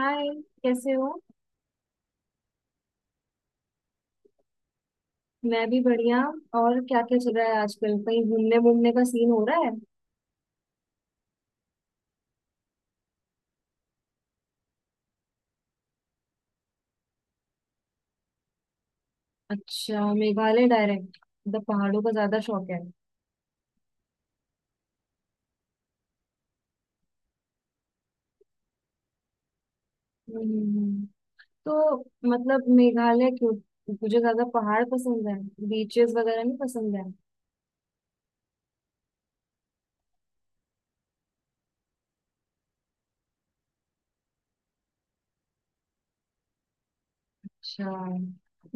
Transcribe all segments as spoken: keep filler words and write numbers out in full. हाय। कैसे हो? मैं भी बढ़िया। और क्या क्या चल रहा है आजकल, कहीं घूमने घूमने का सीन हो रहा है? अच्छा, मेघालय डायरेक्ट? मतलब पहाड़ों का ज्यादा शौक है? हम्म। तो मतलब मेघालय क्यों? मुझे ज्यादा पहाड़ पसंद है, बीचेस वगैरह नहीं पसंद है। अच्छा।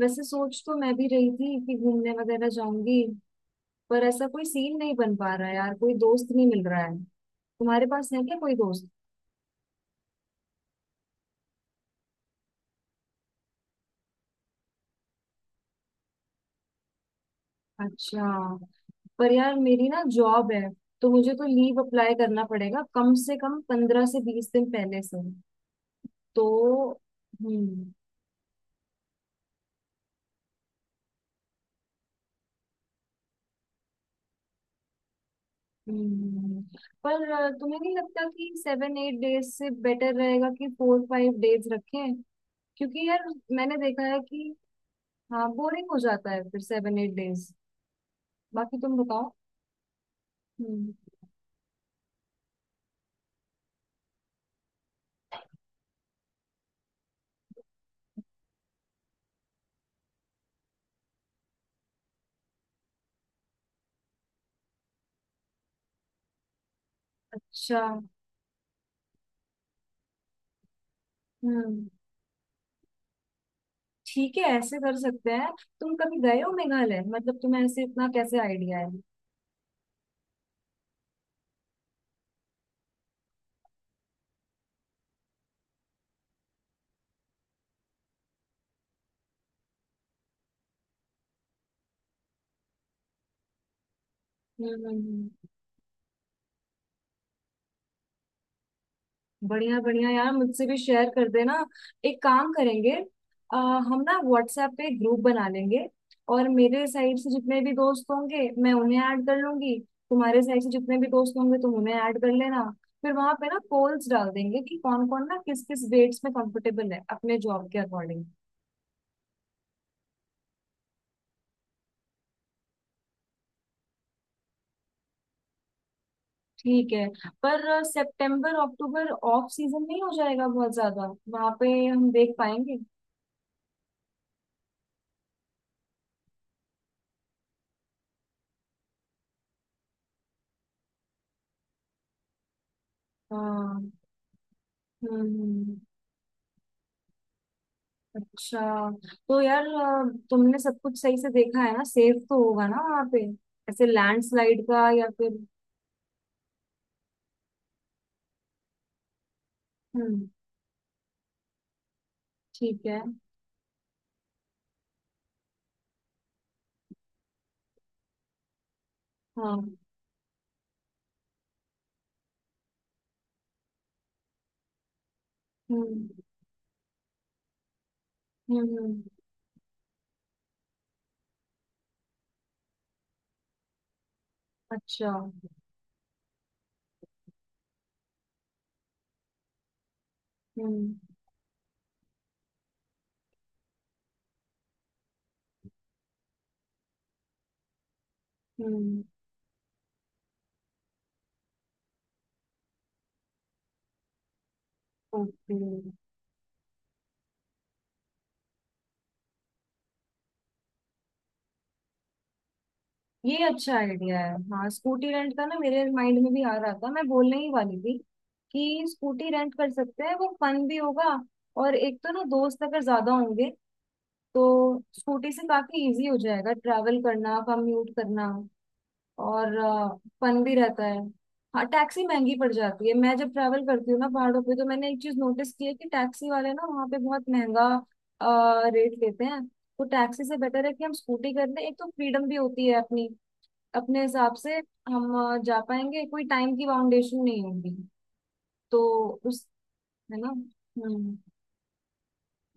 वैसे सोच तो मैं भी रही थी कि घूमने वगैरह जाऊंगी, पर ऐसा कोई सीन नहीं बन पा रहा है यार, कोई दोस्त नहीं मिल रहा है। तुम्हारे पास है क्या कोई दोस्त? अच्छा। पर यार मेरी ना जॉब है, तो मुझे तो लीव अप्लाई करना पड़ेगा कम से कम पंद्रह से बीस दिन पहले से। तो हम्म। हम्म। पर अ, तुम्हें नहीं लगता कि सेवन एट डेज से बेटर रहेगा कि फोर फाइव डेज रखें? क्योंकि यार मैंने देखा है कि हाँ बोरिंग हो जाता है फिर सेवन एट डेज। बाकी तुम बताओ। हम्म। अच्छा। हम्म। ठीक है, ऐसे कर सकते हैं। तुम कभी गए हो मेघालय? मतलब तुम्हें ऐसे इतना कैसे आइडिया है? हम्म। हम्म हम्म। बढ़िया बढ़िया यार, मुझसे भी शेयर कर देना। एक काम करेंगे, आ, हम ना व्हाट्सएप पे ग्रुप बना लेंगे, और मेरे साइड से जितने भी दोस्त होंगे मैं उन्हें ऐड कर लूंगी, तुम्हारे साइड से जितने भी दोस्त होंगे तुम उन्हें ऐड कर लेना। फिर वहां पे ना पोल्स डाल देंगे कि कौन कौन ना किस किस वेट्स में कंफर्टेबल है अपने जॉब के अकॉर्डिंग। ठीक है। पर सितंबर अक्टूबर ऑफ सीजन नहीं हो जाएगा, बहुत ज्यादा वहां पे हम देख पाएंगे? हाँ। हम्म हम्म। अच्छा। तो यार अ, तुमने सब कुछ सही से देखा है ना? सेफ तो होगा ना वहाँ पे, ऐसे लैंडस्लाइड का या फिर? हम्म। ठीक है। हाँ। हम्म। हम्म। हम्म, अच्छा। हम्म। हम्म। ओके। ये अच्छा आइडिया है, हाँ, स्कूटी रेंट का ना मेरे माइंड में भी आ रहा था, मैं बोलने ही वाली थी कि स्कूटी रेंट कर सकते हैं, वो फन भी होगा। और एक तो ना दोस्त अगर ज्यादा होंगे तो स्कूटी से काफी इजी हो जाएगा ट्रैवल करना कम्यूट करना। और फन भी रहता है। हाँ, टैक्सी महंगी पड़ जाती है, मैं जब ट्रैवल करती हूँ ना पहाड़ों पे तो मैंने एक चीज नोटिस की है कि टैक्सी वाले ना वहाँ पे बहुत महंगा रेट लेते हैं। तो टैक्सी से बेटर है कि हम स्कूटी कर लें, एक तो फ्रीडम भी होती है अपनी, अपने हिसाब से हम अ, जा पाएंगे, कोई टाइम की बाउंडेशन नहीं होगी। तो उस, है ना। हम्म।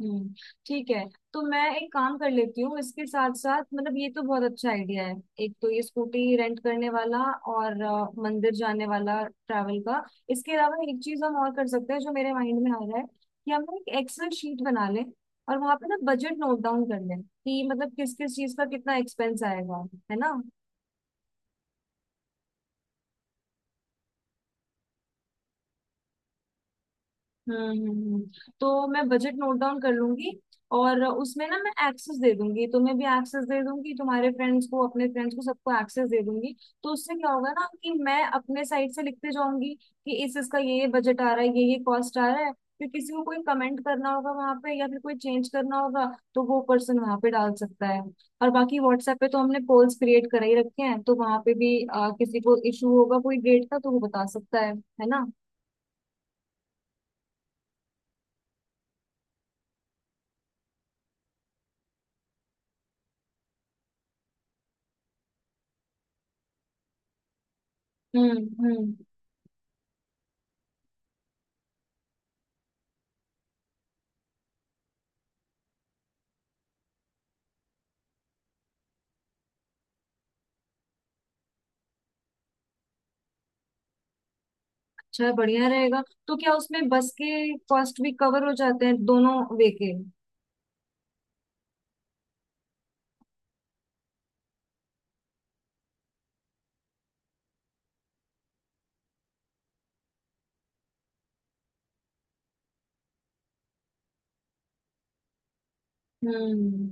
हम्म। ठीक है। तो मैं एक काम कर लेती हूँ, इसके साथ साथ मतलब ये तो बहुत अच्छा आइडिया है। एक तो ये स्कूटी रेंट करने वाला, और अ, मंदिर जाने वाला ट्रैवल का। इसके अलावा एक चीज हम और कर सकते हैं जो मेरे माइंड में आ रहा है कि हम ना एक एक्सेल शीट बना लें, और वहां पे ना बजट नोट डाउन कर लें कि मतलब किस किस चीज का कितना एक्सपेंस आएगा, है ना। हम्म हम्म, हम्म। तो मैं बजट नोट डाउन कर लूंगी, और उसमें ना मैं एक्सेस दे दूंगी, तुम्हें भी एक्सेस दे दूंगी, तुम्हारे फ्रेंड्स को, अपने फ्रेंड्स को, सबको एक्सेस दे दूंगी। तो उससे क्या होगा ना कि मैं अपने साइड से लिखते जाऊंगी कि इस इसका ये ये बजट आ रहा है, ये ये कॉस्ट आ रहा है। फिर किसी को कोई कमेंट करना होगा वहां पे या फिर कोई चेंज करना होगा तो वो पर्सन वहां पे डाल सकता है। और बाकी व्हाट्सएप पे तो हमने पोल्स क्रिएट कर ही रखे हैं तो वहां पे भी अ, किसी को इशू होगा कोई डेट का तो वो बता सकता है है ना। हम्म। हम्म। अच्छा, बढ़िया रहेगा। तो क्या उसमें बस के कॉस्ट भी कवर हो जाते हैं दोनों वे के? हम्म।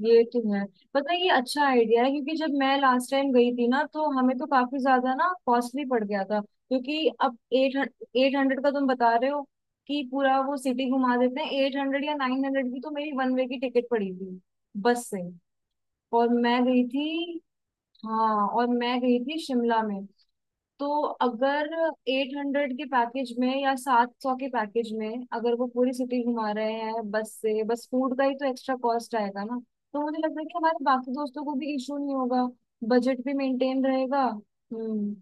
ये तो है, पता है ये अच्छा आइडिया है, क्योंकि जब मैं लास्ट टाइम गई थी ना तो हमें तो काफी ज्यादा ना कॉस्टली पड़ गया था, क्योंकि अब एट एट हंड्रेड का तुम बता रहे हो कि पूरा वो सिटी घुमा देते हैं, एट हंड्रेड या नाइन हंड्रेड की तो मेरी वन वे की टिकट पड़ी थी बस से, और मैं गई थी। हाँ, और मैं गई थी शिमला में। तो अगर एट हंड्रेड के पैकेज में या सात सौ के पैकेज में अगर वो पूरी सिटी घुमा रहे हैं बस से, बस फूड का ही तो एक्स्ट्रा कॉस्ट आएगा ना। तो मुझे लगता है कि हमारे बाकी दोस्तों को भी इशू नहीं होगा, बजट भी मेंटेन रहेगा। हम्म।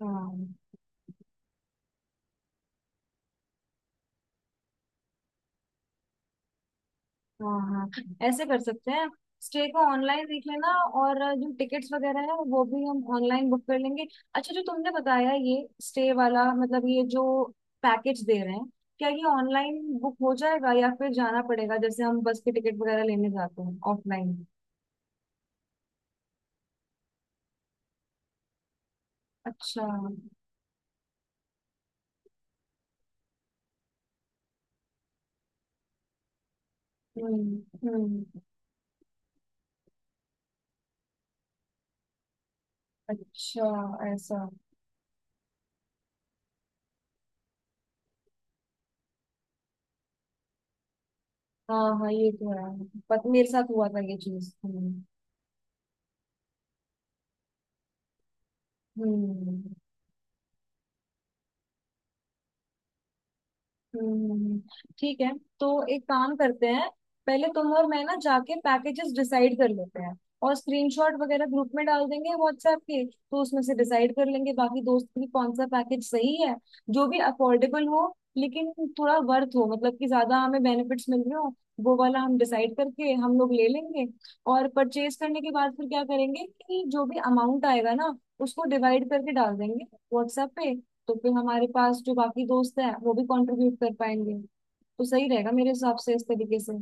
हाँ हाँ हाँ, ऐसे कर सकते हैं, स्टे को ऑनलाइन देख लेना, और जो टिकट्स वगैरह है वो भी हम ऑनलाइन बुक कर लेंगे। अच्छा, जो तुमने बताया ये स्टे वाला, मतलब ये जो पैकेज दे रहे हैं, क्या ये ऑनलाइन बुक हो जाएगा या फिर जाना पड़ेगा जैसे हम बस के टिकट वगैरह लेने जाते हैं ऑफलाइन? अच्छा। हम्म। हम्म। अच्छा, ऐसा। हाँ हाँ, ये तो है, पर मेरे साथ हुआ था ये चीज। हम्म। हम्म। हम्म। ठीक है। तो एक काम करते हैं, पहले तुम और मैं ना जाके पैकेजेस डिसाइड कर लेते हैं, और स्क्रीनशॉट वगैरह ग्रुप में डाल देंगे व्हाट्सएप के, तो उसमें से डिसाइड कर लेंगे बाकी दोस्त भी कौन सा पैकेज सही है, जो भी अफोर्डेबल हो, लेकिन थोड़ा वर्थ हो मतलब कि ज्यादा हमें बेनिफिट्स मिल रहे हो, वो वाला हम डिसाइड करके हम लोग ले लेंगे। और परचेज करने के बाद फिर क्या करेंगे कि जो भी अमाउंट आएगा ना उसको डिवाइड करके डाल देंगे व्हाट्सएप पे, तो फिर हमारे पास जो बाकी दोस्त हैं वो भी कंट्रीब्यूट कर पाएंगे। तो सही रहेगा मेरे हिसाब से इस तरीके से।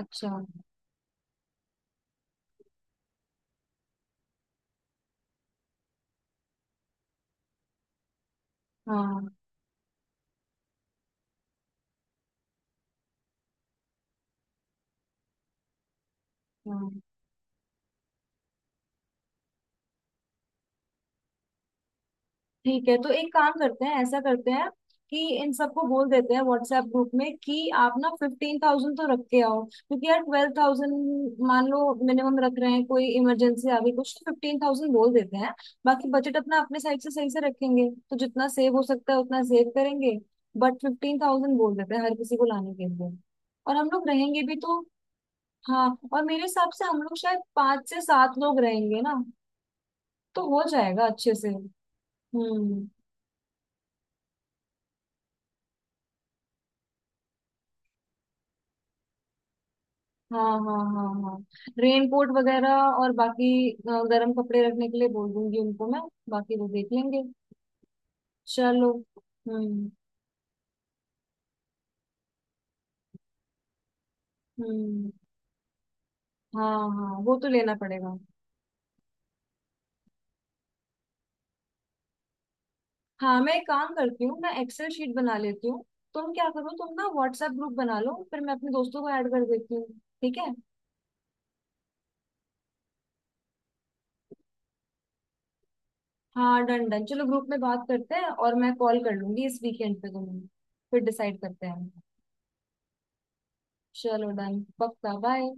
अच्छा। हाँ हाँ। ठीक है, तो एक काम करते हैं, ऐसा करते हैं कि इन सबको बोल देते हैं व्हाट्सएप ग्रुप में कि आप ना फिफ्टीन थाउजेंड तो रख के आओ, क्योंकि यार ट्वेल्व थाउजेंड मान लो मिनिमम रख रहे हैं, कोई इमरजेंसी आ गई कुछ, तो फिफ्टीन थाउजेंड बोल देते हैं। बाकी बजट अपना अपने साइड से सही से रखेंगे तो जितना सेव हो सकता है उतना सेव करेंगे, बट फिफ्टीन थाउजेंड बोल देते हैं हर किसी को लाने के लिए, और हम लोग रहेंगे भी तो। हाँ। और मेरे हिसाब से हम लोग शायद पाँच से सात लोग रहेंगे ना, तो हो जाएगा अच्छे से। हम्म। हाँ हाँ हाँ हाँ, रेनकोट वगैरह, और बाकी अ, गर्म कपड़े रखने के लिए बोल दूंगी उनको मैं, बाकी वो देख लेंगे। चलो। हम्म हम्म। हाँ हाँ, वो तो लेना पड़ेगा। हाँ, मैं एक काम करती हूँ, मैं एक्सेल शीट बना लेती हूँ, तुम क्या करो तुम ना व्हाट्सएप ग्रुप बना लो, फिर मैं अपने दोस्तों को ऐड कर देती हूँ, ठीक है। हाँ डन डन, चलो ग्रुप में बात करते हैं, और मैं कॉल कर लूंगी इस वीकेंड पे तुम्हें, फिर डिसाइड करते हैं। चलो डन पक्का, बाय।